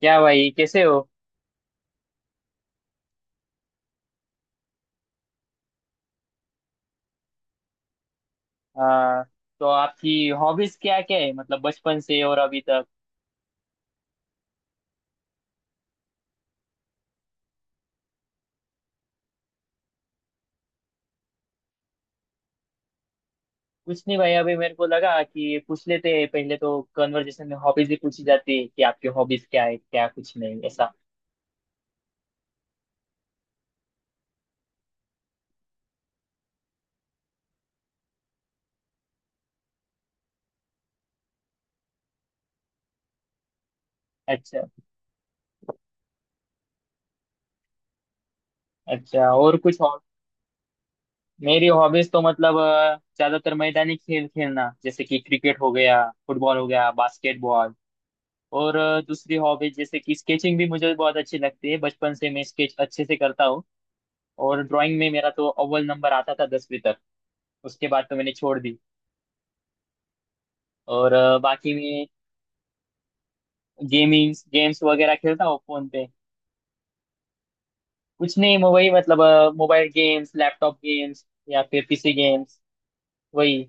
क्या भाई कैसे हो। आ, तो आपकी हॉबीज क्या क्या है मतलब बचपन से और अभी तक। कुछ नहीं भाई अभी मेरे को लगा कि पूछ लेते हैं। पहले तो कन्वर्जेशन में हॉबीज ही पूछी जाती है कि आपकी हॉबीज क्या है क्या, कुछ नहीं ऐसा। अच्छा। अच्छा, और कुछ और? मेरी हॉबीज तो मतलब ज्यादातर मैदानी खेल खेलना, जैसे कि क्रिकेट हो गया, फुटबॉल हो गया, बास्केटबॉल। और दूसरी हॉबीज जैसे कि स्केचिंग भी मुझे बहुत अच्छी लगती है। बचपन से मैं स्केच अच्छे से करता हूँ। और ड्राइंग में मेरा तो अव्वल नंबर आता था दसवीं तक। उसके बाद तो मैंने छोड़ दी। और बाकी मैं गेमिंग, गेम्स वगैरह खेलता हूँ फोन पे। कुछ नहीं, मैं वही मतलब मोबाइल गेम्स, लैपटॉप गेम्स, या फिर पीसी गेम्स, वही।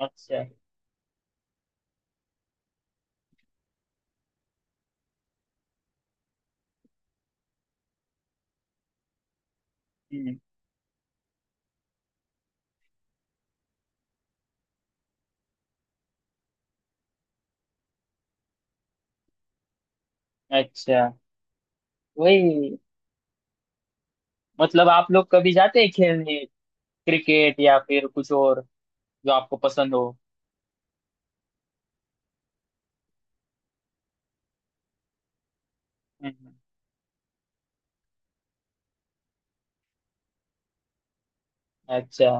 अच्छा। हम्म। अच्छा, वही मतलब आप लोग कभी जाते हैं खेलने? क्रिकेट या फिर कुछ और, जो आपको पसंद हो। हम्म। अच्छा,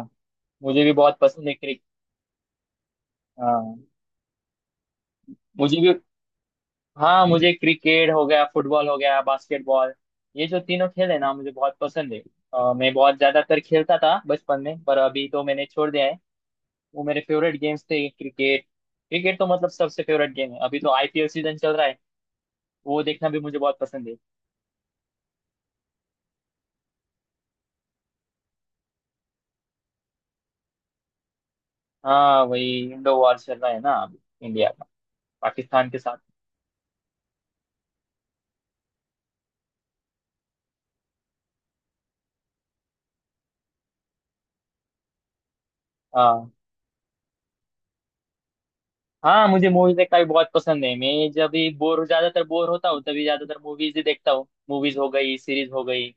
मुझे भी बहुत पसंद है क्रिकेट। हाँ, मुझे भी। हाँ, मुझे क्रिकेट हो गया, फुटबॉल हो गया, बास्केटबॉल, ये जो तीनों खेल है ना, मुझे बहुत पसंद है। मैं बहुत ज्यादातर खेलता था बचपन में, पर अभी तो मैंने छोड़ दिया है। वो मेरे फेवरेट गेम्स थे। क्रिकेट, क्रिकेट तो मतलब सबसे फेवरेट गेम है। अभी तो आईपीएल सीजन चल रहा है, वो देखना भी मुझे बहुत पसंद है। हाँ, वही इंडो वॉर चल रहा है ना अभी, इंडिया का पाकिस्तान के साथ। हाँ। हाँ, मुझे मूवीज देखना भी बहुत पसंद है। मैं जब भी बोर, ज्यादातर बोर होता हूँ, तभी ज्यादातर मूवीज ही देखता हूँ। मूवीज हो गई, सीरीज हो गई,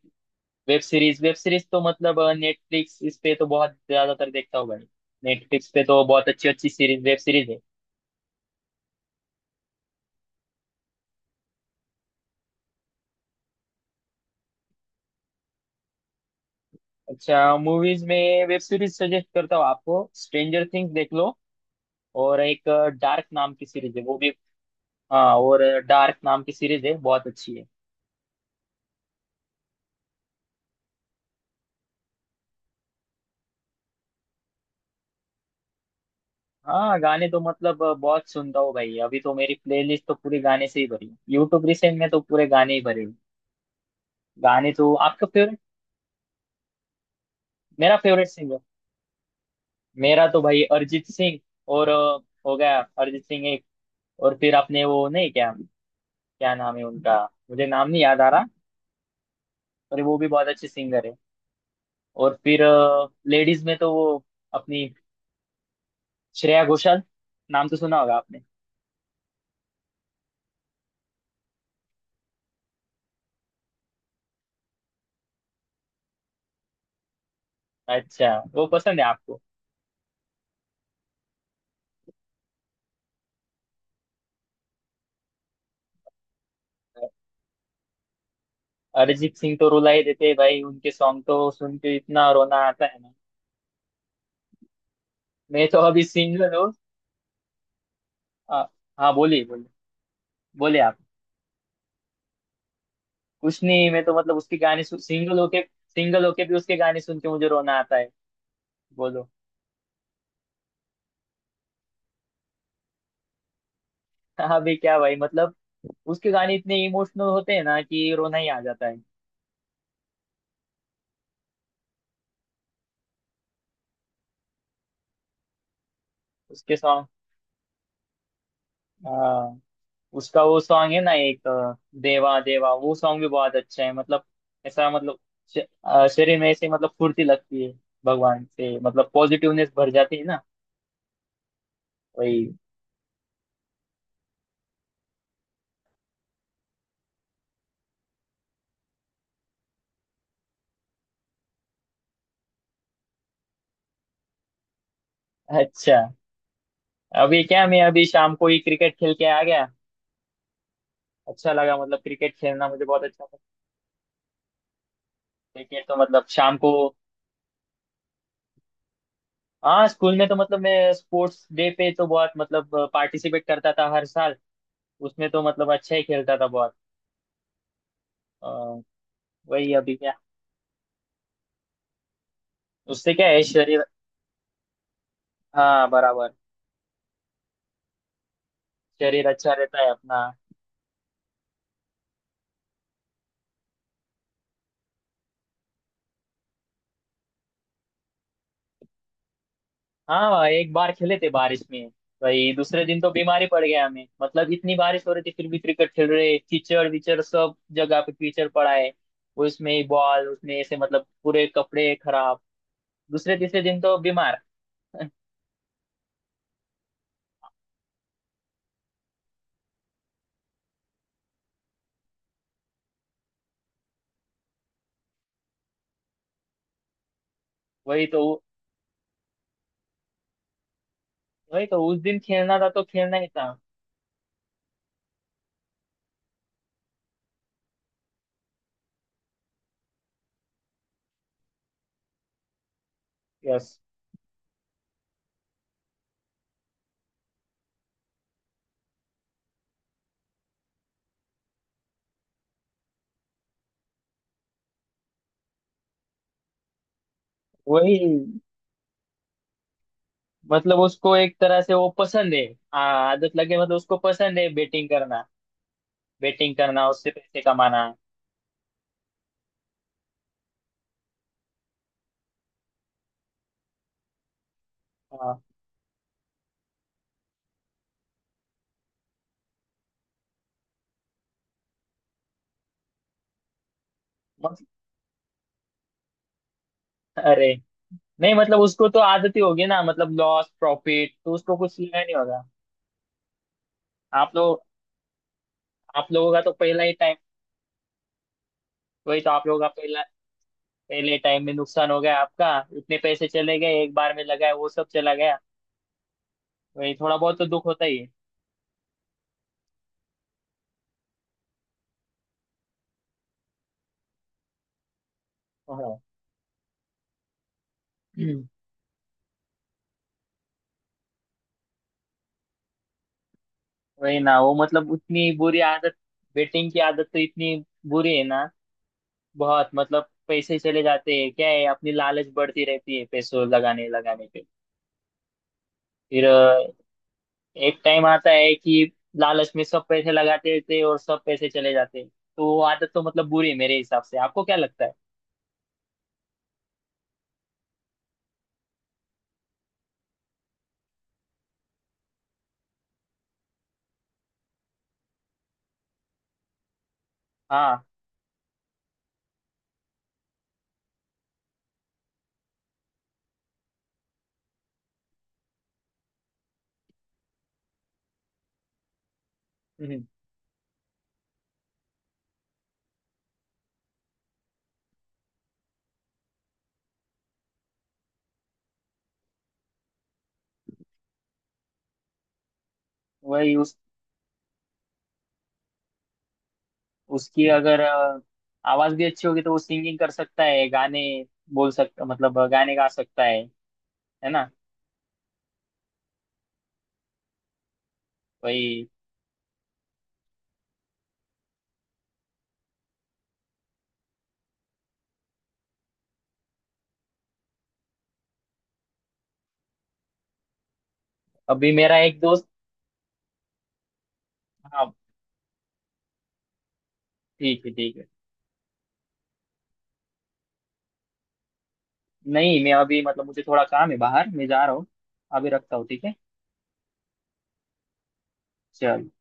वेब सीरीज। वेब सीरीज तो मतलब नेटफ्लिक्स, इस पे तो बहुत ज्यादातर देखता हूँ भाई। नेटफ्लिक्स पे तो बहुत अच्छी अच्छी सीरीज, वेब सीरीज है। अच्छा, मूवीज में, वेब सीरीज सजेस्ट करता हूँ आपको, स्ट्रेंजर थिंग्स देख लो। और एक डार्क नाम की सीरीज है, वो भी। हाँ, और डार्क नाम की सीरीज है, बहुत अच्छी है। हाँ, गाने तो मतलब बहुत सुनता हूँ भाई। अभी तो मेरी प्लेलिस्ट तो पूरे गाने से ही भरी है। यूट्यूब रिसेंट में तो पूरे गाने ही भरे हैं। गाने तो आपका फेवरेट। मेरा फेवरेट सिंगर, मेरा तो भाई अरिजीत सिंह। और हो गया अरिजीत सिंह एक। और फिर आपने वो नहीं क्या, क्या नाम है उनका, मुझे नाम नहीं याद आ रहा, पर वो भी बहुत अच्छे सिंगर है। और फिर लेडीज में तो वो अपनी श्रेया घोषाल, नाम तो सुना होगा आपने। अच्छा, वो पसंद है आपको। अरिजीत सिंह तो रुला ही देते हैं भाई, उनके सॉन्ग तो सुन के इतना रोना आता है ना। मैं तो अभी सिंगल हूँ। हाँ। हाँ, बोलिए बोलिए। बोलिए आप। कुछ नहीं, मैं तो मतलब उसके गाने सिंगल होके, सिंगल होके भी उसके गाने सुन के मुझे रोना आता है। बोलो। अभी क्या भाई, मतलब उसके गाने इतने इमोशनल होते हैं ना कि रोना ही आ जाता है। उसके सॉन्ग। हाँ, उसका वो सॉन्ग है ना एक देवा देवा, वो सॉन्ग भी बहुत अच्छा है। मतलब ऐसा मतलब श- शरीर में ऐसे मतलब फुर्ती लगती है, भगवान से मतलब पॉजिटिवनेस भर जाती है ना। वही। अच्छा, अभी क्या, मैं अभी शाम को ही क्रिकेट खेल के आ गया। अच्छा लगा, मतलब क्रिकेट खेलना मुझे बहुत अच्छा लगता है। क्रिकेट तो मतलब शाम को। हाँ, स्कूल में तो मतलब मैं स्पोर्ट्स डे पे तो बहुत मतलब पार्टिसिपेट करता था हर साल। उसमें तो मतलब अच्छा ही खेलता था बहुत। अ, वही अभी क्या, उससे क्या है शरीर। हाँ बराबर, शरीर अच्छा रहता है अपना। हाँ एक बार खेले थे बारिश में। भाई दूसरे दिन तो बीमारी पड़ गया हमें, मतलब इतनी बारिश हो रही थी फिर भी क्रिकेट खेल रहे। कीचड़ विचड़ सब जगह पे कीचड़ पड़ा है, उसमें ही बॉल, उसमें ऐसे मतलब पूरे कपड़े खराब। दूसरे तीसरे दिन तो बीमार। वही तो, वही तो, उस दिन खेलना था तो खेलना ही था। यस। वही, मतलब उसको एक तरह से वो पसंद है। हाँ, आदत लगे, मतलब उसको पसंद है बेटिंग करना, बेटिंग करना, उससे पैसे कमाना। हाँ। मत, अरे, नहीं मतलब उसको तो आदत ही होगी ना, मतलब लॉस प्रॉफिट तो उसको कुछ लिया नहीं होगा। आप लोग, आप लोगों का तो पहला ही टाइम। वही तो, आप लोगों का पहला, पहले टाइम में नुकसान हो गया आपका। इतने पैसे चले गए, एक बार में लगाए वो सब चला गया, वही, थोड़ा बहुत तो दुख होता ही है। हाँ, वही ना, वो मतलब उतनी बुरी आदत, बेटिंग की आदत तो इतनी बुरी है ना। बहुत, मतलब पैसे चले जाते हैं, क्या है, अपनी लालच बढ़ती रहती है पैसों लगाने लगाने पे। फिर एक टाइम आता है कि लालच में सब पैसे लगाते रहते हैं और सब पैसे चले जाते हैं, तो वो आदत तो मतलब बुरी है मेरे हिसाब से, आपको क्या लगता है? हाँ। हम्म। वही उस उसकी अगर आवाज भी अच्छी होगी तो वो सिंगिंग कर सकता है, गाने बोल सकता, मतलब गाने गा सकता है ना। वही, अभी मेरा एक दोस्त। हाँ ठीक है, ठीक है। नहीं मैं अभी, मतलब मुझे थोड़ा काम है बाहर, मैं जा रहा हूँ, अभी रखता हूँ, ठीक है। चलो।